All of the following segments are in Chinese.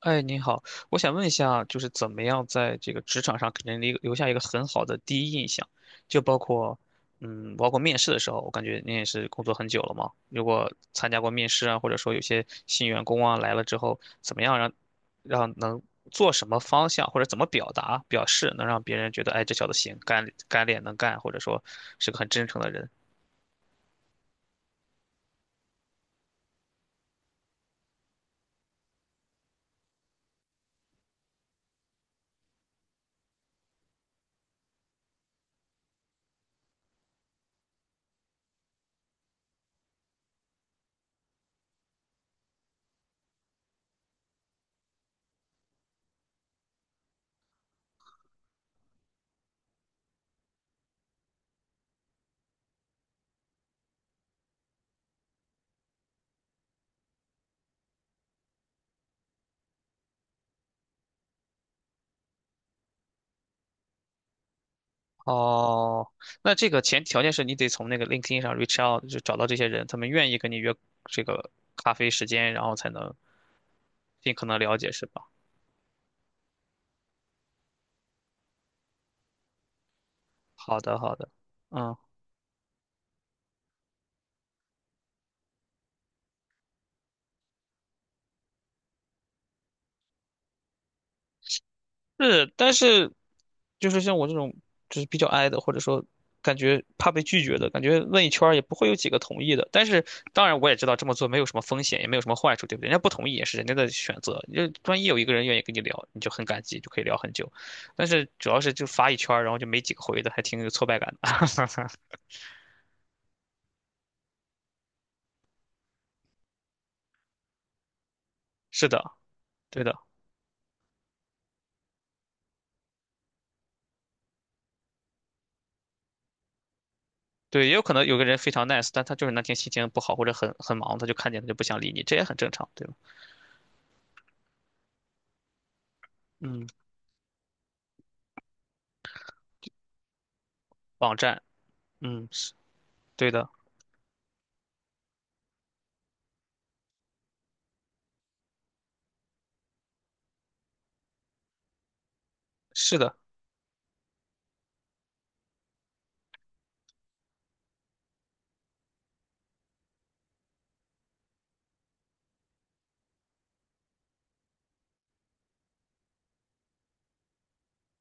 哎，您好，我想问一下，就是怎么样在这个职场上给人留下一个很好的第一印象？就包括，嗯，包括面试的时候，我感觉您也是工作很久了嘛。如果参加过面试啊，或者说有些新员工啊来了之后，怎么样让能做什么方向，或者怎么表达表示，能让别人觉得，哎，这小子行，干练能干，或者说是个很真诚的人。哦，那这个前条件是你得从那个 LinkedIn 上 reach out，就找到这些人，他们愿意跟你约这个咖啡时间，然后才能尽可能了解，是吧？好的，好的，嗯。是，但是就是像我这种就是比较 i 的，或者说感觉怕被拒绝的，感觉问一圈儿也不会有几个同意的。但是当然我也知道这么做没有什么风险，也没有什么坏处，对不对？人家不同意也是人家的选择，就万一有一个人愿意跟你聊，你就很感激，就可以聊很久。但是主要是就发一圈儿然后就没几个回的，还挺有挫败感的。是的，对的。对，也有可能有个人非常 nice，但他就是那天心情不好或者很忙，他就看见他就不想理你，这也很正常，对吧？嗯，网站，嗯，是对的，是的。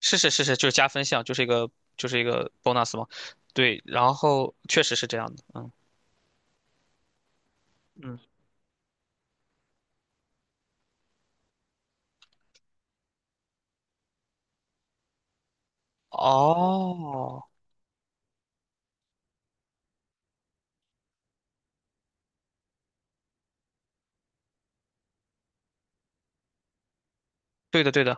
是是是是，就是加分项，就是一个就是一个 bonus 嘛。对，然后确实是这样的，嗯嗯，哦，对的对的，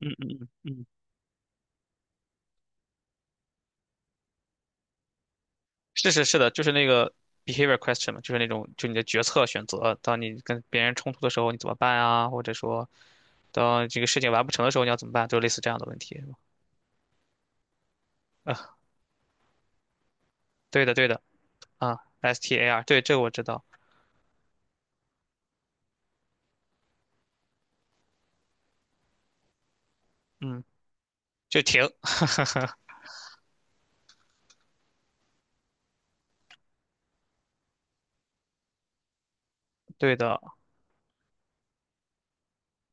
嗯嗯嗯嗯，是是是的，就是那个 behavior question 嘛，就是那种就你的决策选择，当你跟别人冲突的时候你怎么办啊，或者说当这个事情完不成的时候你要怎么办，就类似这样的问题，是吧？啊，对的对的，啊，STAR，对，这个我知道，嗯，就停，对的，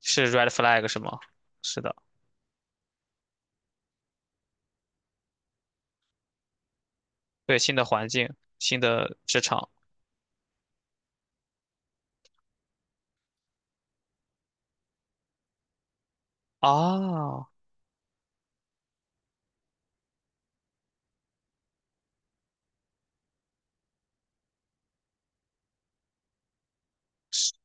是 red flag 是吗？是的。对，新的环境、新的职场啊，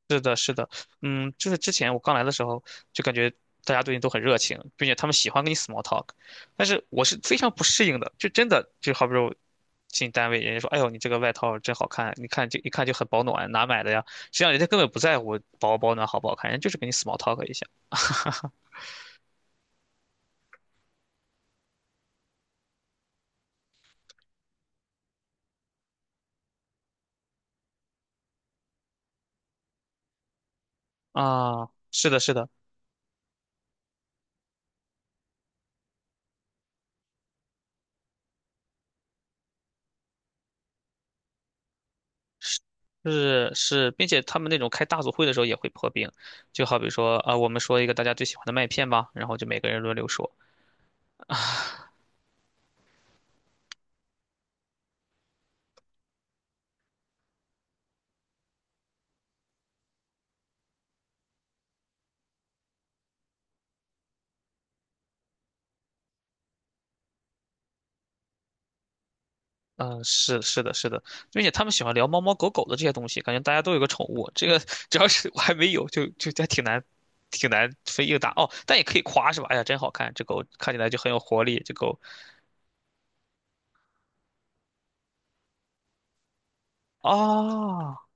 是的，是的，嗯，就是之前我刚来的时候，就感觉大家对你都很热情，并且他们喜欢跟你 small talk，但是我是非常不适应的，就真的就好比如进单位，人家说，哎呦，你这个外套真好看，你看就一看就很保暖，哪买的呀？实际上人家根本不在乎保不保暖好不好看，人家就是给你 small talk 一下啊，是的，是的。是是，并且他们那种开大组会的时候也会破冰，就好比说啊、我们说一个大家最喜欢的麦片吧，然后就每个人轮流说。嗯、是是的，是的，并且他们喜欢聊猫猫狗狗的这些东西，感觉大家都有个宠物。这个只要是我还没有，就还挺难，挺难分硬打哦。但也可以夸是吧？哎呀，真好看，这狗看起来就很有活力，这狗啊，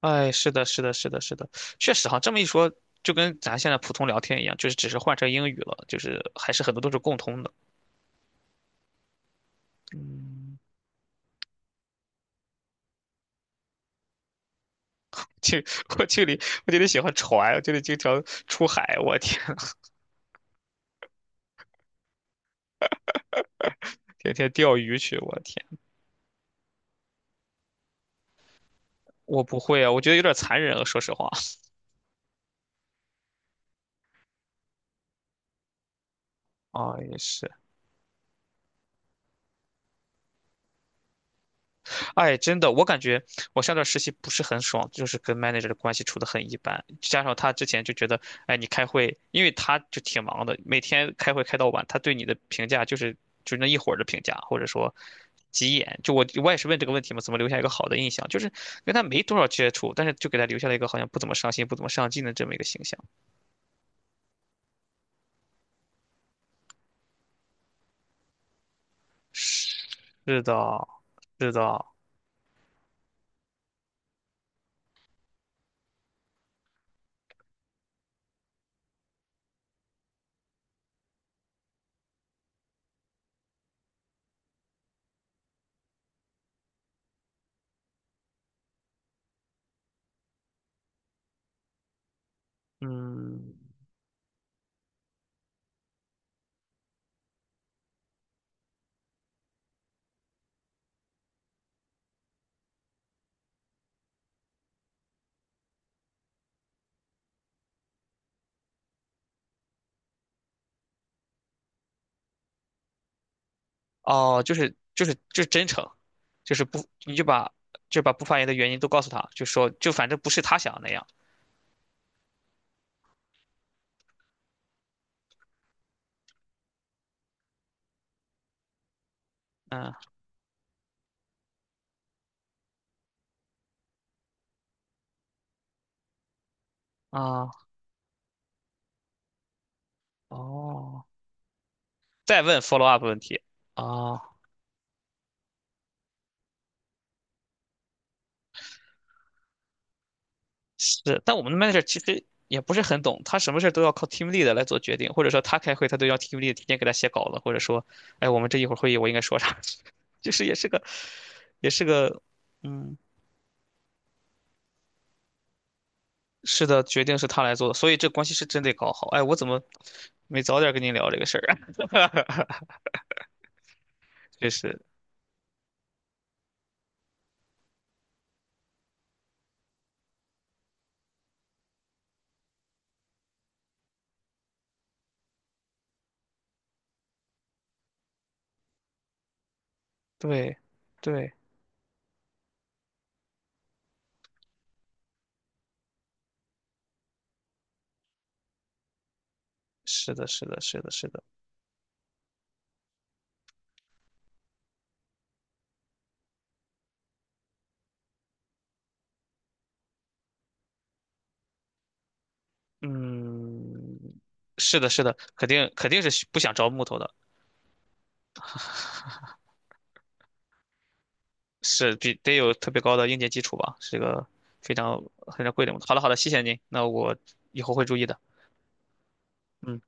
哎，是的，是的，是的，是的，确实哈，这么一说，就跟咱现在普通聊天一样，就是只是换成英语了，就是还是很多都是共通的。嗯。去我这里我这得喜欢船，我这里经常出海，我天，天天钓鱼去，我天，我不会啊，我觉得有点残忍啊，说实话 啊，也是，哎，真的，我感觉我上段实习不是很爽，就是跟 manager 的关系处得很一般，加上他之前就觉得，哎，你开会，因为他就挺忙的，每天开会开到晚，他对你的评价就是就那一会儿的评价，或者说急眼。就我也是问这个问题嘛，怎么留下一个好的印象？就是跟他没多少接触，但是就给他留下了一个好像不怎么上心、不怎么上进的这么一个形象。是的，是的，嗯。哦，就是就是就是真诚，就是不，你就把不发言的原因都告诉他，就说就反正不是他想的那样。嗯啊哦，再问 follow up 问题啊，是，但我们的 manager 其实也不是很懂，他什么事儿都要靠 team lead 来做决定，或者说他开会他都要 team lead 提前给他写稿子，或者说，哎，我们这一会儿会议我应该说啥，就是也是个嗯，是的，决定是他来做的，所以这关系是真得搞好。哎，我怎么没早点跟您聊这个事儿啊？确实。对，对，是的，是的，是的，是的，嗯，是的，是的，肯定肯定是需不想招木头的，是比得有特别高的硬件基础吧，是一个非常非常贵的木头。好了，好了，谢谢您，那我以后会注意的。嗯。